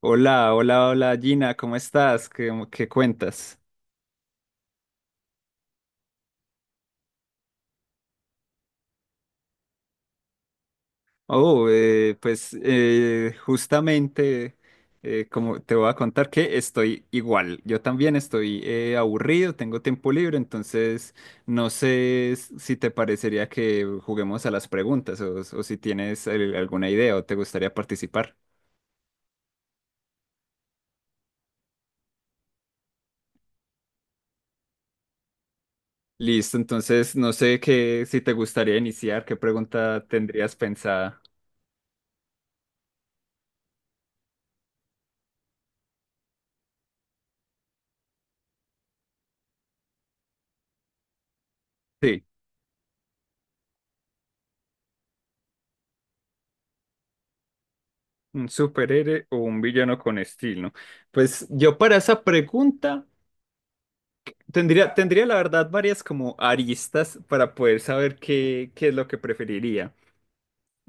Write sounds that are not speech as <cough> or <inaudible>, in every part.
Hola, hola, hola Gina, ¿cómo estás? ¿Qué cuentas? Oh, pues justamente como te voy a contar que estoy igual, yo también estoy aburrido, tengo tiempo libre, entonces no sé si te parecería que juguemos a las preguntas o si tienes alguna idea o te gustaría participar. Listo, entonces no sé qué, si te gustaría iniciar, qué pregunta tendrías pensada. Sí. ¿Un superhéroe o un villano con estilo? Pues yo para esa pregunta tendría la verdad varias como aristas para poder saber qué es lo que preferiría.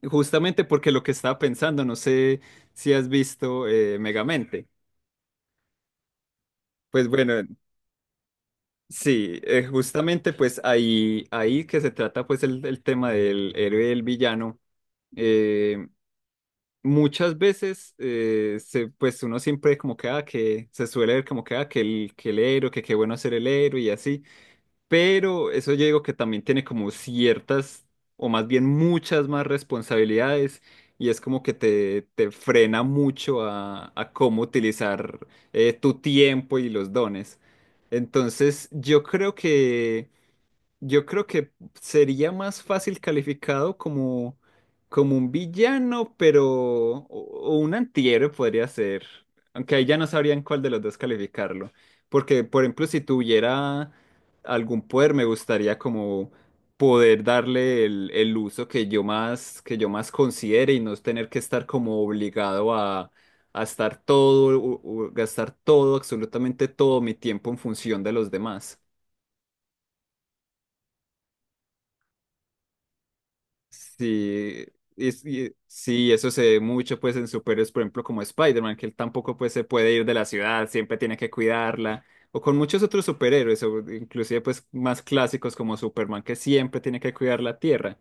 Justamente porque lo que estaba pensando, no sé si has visto Megamente. Pues bueno, sí, justamente pues ahí que se trata pues el tema del héroe y el villano. eh, Muchas veces, pues uno siempre como que, ah, que se suele ver como que, ah, que el héroe, que qué bueno ser el héroe y así, pero eso yo digo que también tiene como ciertas, o más bien muchas más responsabilidades, y es como que te frena mucho a cómo utilizar tu tiempo y los dones. Entonces, yo creo que sería más fácil calificado como un villano, pero o un antihéroe podría ser. Aunque ahí ya no sabrían cuál de los dos calificarlo. Porque, por ejemplo, si tuviera algún poder, me gustaría como poder darle el uso que yo más considere y no tener que estar como obligado a estar todo, gastar todo, absolutamente todo mi tiempo en función de los demás. Sí, sí, eso se ve mucho pues en superhéroes, por ejemplo, como Spider-Man, que él tampoco pues se puede ir de la ciudad, siempre tiene que cuidarla, o con muchos otros superhéroes, o inclusive pues más clásicos como Superman, que siempre tiene que cuidar la Tierra.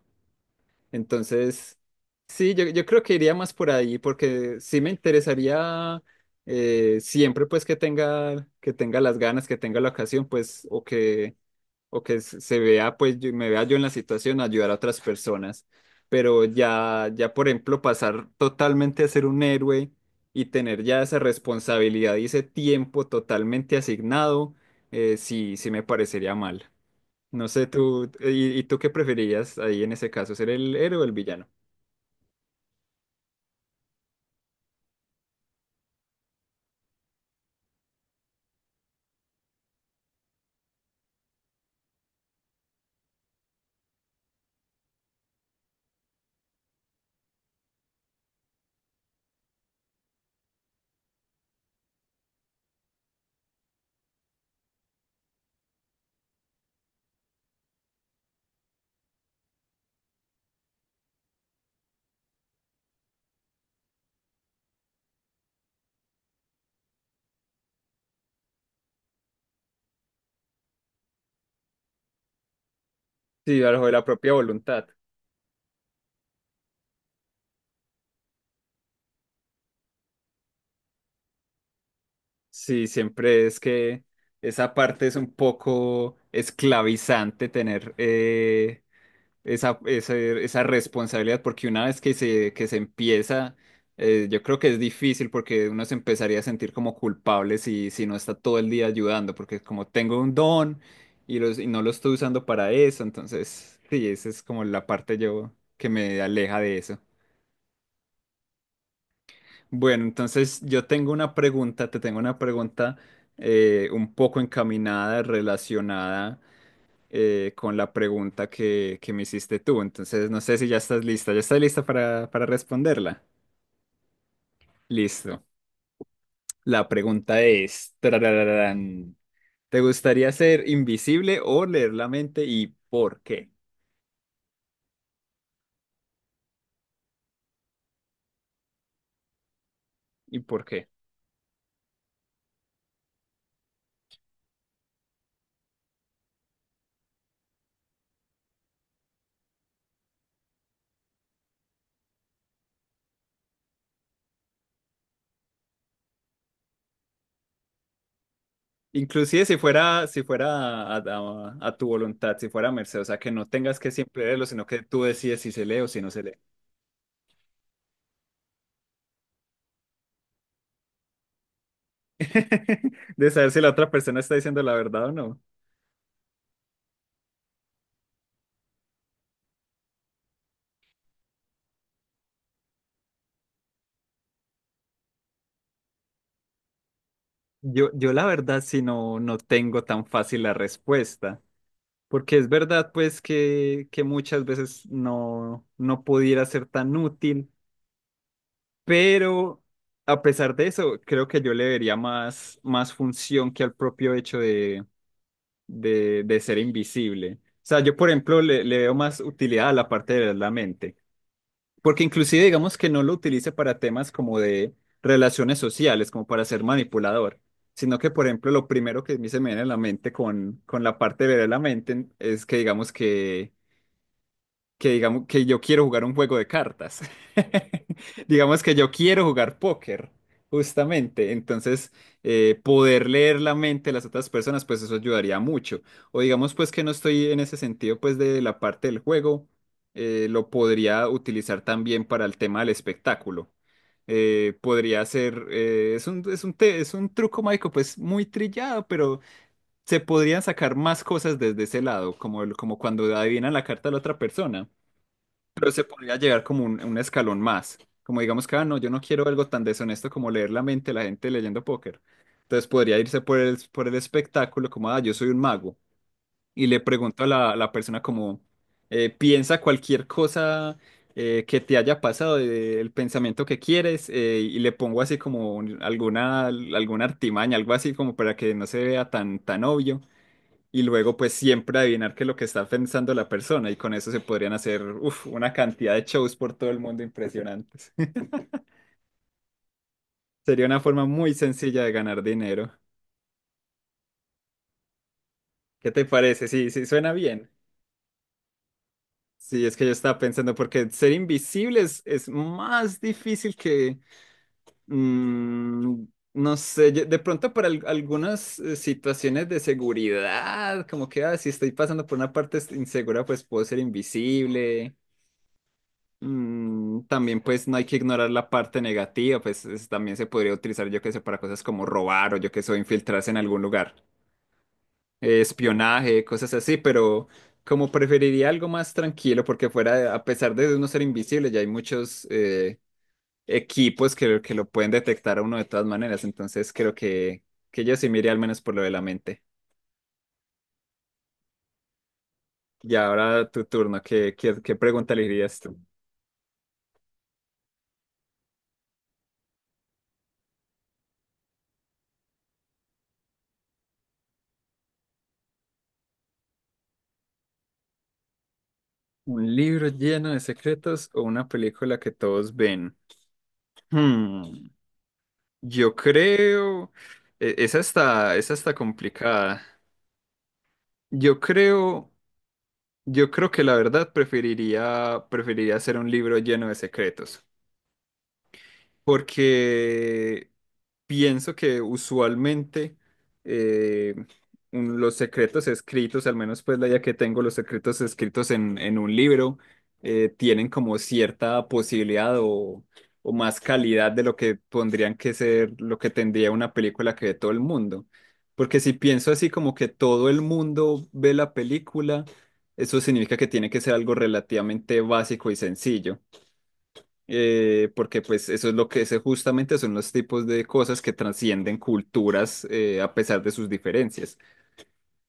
Entonces, sí, yo creo que iría más por ahí, porque sí me interesaría siempre pues que tenga las ganas, que tenga la ocasión, pues, o que se vea, pues me vea yo en la situación, ayudar a otras personas. Pero ya, ya, por ejemplo, pasar totalmente a ser un héroe y tener ya esa responsabilidad y ese tiempo totalmente asignado, sí, sí me parecería mal. No sé, tú, ¿y tú qué preferirías ahí en ese caso, ser el héroe o el villano? Sí, bajo la propia voluntad. Sí, siempre es que esa parte es un poco esclavizante tener esa responsabilidad, porque una vez que se empieza, yo creo que es difícil porque uno se empezaría a sentir como culpable si, si no está todo el día ayudando, porque como tengo un don y, los, y no lo estoy usando para eso, entonces sí, esa es como la parte yo que me aleja de eso. Bueno, entonces yo tengo una pregunta, te tengo una pregunta un poco encaminada, relacionada con la pregunta que me hiciste tú. Entonces, no sé si ya estás lista. ¿Ya estás lista para responderla? Listo. La pregunta es, tarararán, ¿te gustaría ser invisible o leer la mente y por qué? ¿Y por qué? Inclusive si fuera, si fuera a tu voluntad, si fuera a merced, o sea, que no tengas que siempre leerlo, sino que tú decides si se lee o si no se lee. <laughs> De saber si la otra persona está diciendo la verdad o no. Yo la verdad, si no, no tengo tan fácil la respuesta. Porque es verdad, pues, que muchas veces no, no pudiera ser tan útil, pero a pesar de eso, creo que yo le vería más función que al propio hecho de ser invisible. O sea, yo, por ejemplo, le veo más utilidad a la parte de la mente, porque inclusive digamos que no lo utilice para temas como de relaciones sociales, como para ser manipulador, sino que, por ejemplo, lo primero que a mí se me viene a la mente con la parte de la mente es que digamos que yo quiero jugar un juego de cartas. <laughs> Digamos que yo quiero jugar póker, justamente. Entonces, poder leer la mente de las otras personas, pues eso ayudaría mucho. O digamos pues que no estoy en ese sentido pues de la parte del juego, lo podría utilizar también para el tema del espectáculo. Podría ser, es un truco mágico pues muy trillado, pero se podrían sacar más cosas desde ese lado, como, como cuando adivinan la carta de la otra persona podría llegar como un escalón más. Como digamos que, ah, no, yo no quiero algo tan deshonesto como leer la mente de la gente leyendo póker. Entonces podría irse por el espectáculo como, ah, yo soy un mago. Y le pregunto a la persona como, piensa cualquier cosa que te haya pasado, el pensamiento que quieres, y le pongo así como alguna artimaña, algo así como para que no se vea tan, tan obvio y luego pues siempre adivinar qué es lo que está pensando la persona y con eso se podrían hacer uf, una cantidad de shows por todo el mundo impresionantes. <laughs> Sería una forma muy sencilla de ganar dinero. ¿Qué te parece? Sí, sí, suena bien. Sí, es que yo estaba pensando porque ser invisible es más difícil que... mm, no sé, de pronto para algunas situaciones de seguridad, como que ah, si estoy pasando por una parte insegura, pues puedo ser invisible. También pues no hay que ignorar la parte negativa, pues también se podría utilizar yo que sé para cosas como robar o yo que sé infiltrarse en algún lugar, espionaje, cosas así, pero como preferiría algo más tranquilo porque fuera, a pesar de uno ser invisible, ya hay muchos equipos que lo pueden detectar a uno de todas maneras, entonces creo que yo sí me iría al menos por lo de la mente. Y ahora tu turno, ¿qué pregunta le dirías tú? ¿Un libro lleno de secretos o una película que todos ven? Hmm, yo creo, esa está complicada. Yo creo, yo creo que la verdad preferiría hacer un libro lleno de secretos, porque pienso que usualmente eh, los secretos escritos, al menos pues la idea que tengo, los secretos escritos en un libro, tienen como cierta posibilidad o más calidad de lo que pondrían que ser, lo que tendría una película que ve todo el mundo. Porque si pienso así como que todo el mundo ve la película, eso significa que tiene que ser algo relativamente básico y sencillo, porque pues eso es lo que es justamente son los tipos de cosas que trascienden culturas, a pesar de sus diferencias.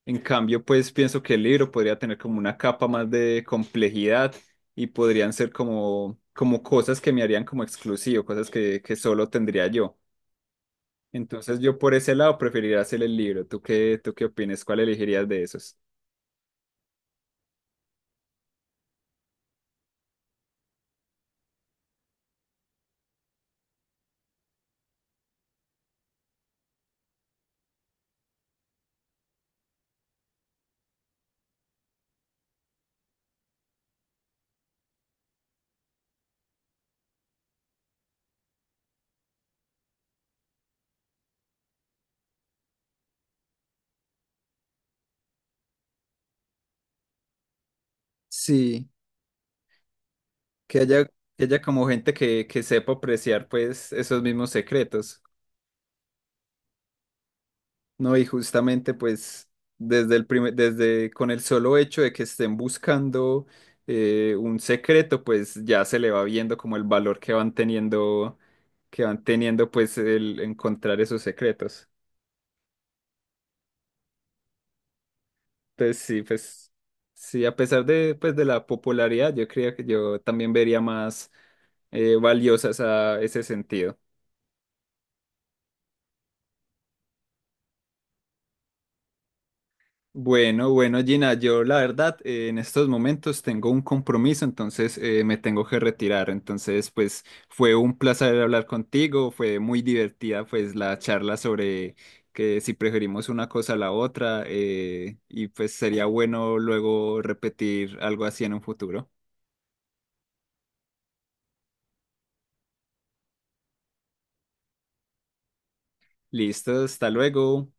En cambio, pues pienso que el libro podría tener como una capa más de complejidad y podrían ser como cosas que me harían como exclusivo, cosas que solo tendría yo. Entonces yo por ese lado preferiría hacer el libro. ¿Tú qué opinas? ¿Cuál elegirías de esos? Sí, Que haya, que haya como gente que sepa apreciar pues esos mismos secretos. No, y justamente pues desde con el solo hecho de que estén buscando un secreto, pues ya se le va viendo como el valor que van teniendo, pues el encontrar esos secretos. Entonces sí, pues sí, a pesar de pues de la popularidad, yo creía que yo también vería más valiosas a ese sentido. Bueno, bueno, Gina, yo la verdad en estos momentos tengo un compromiso, entonces me tengo que retirar. Entonces, pues fue un placer hablar contigo, fue muy divertida pues la charla sobre que si preferimos una cosa a la otra, y pues sería bueno luego repetir algo así en un futuro. Listo, hasta luego.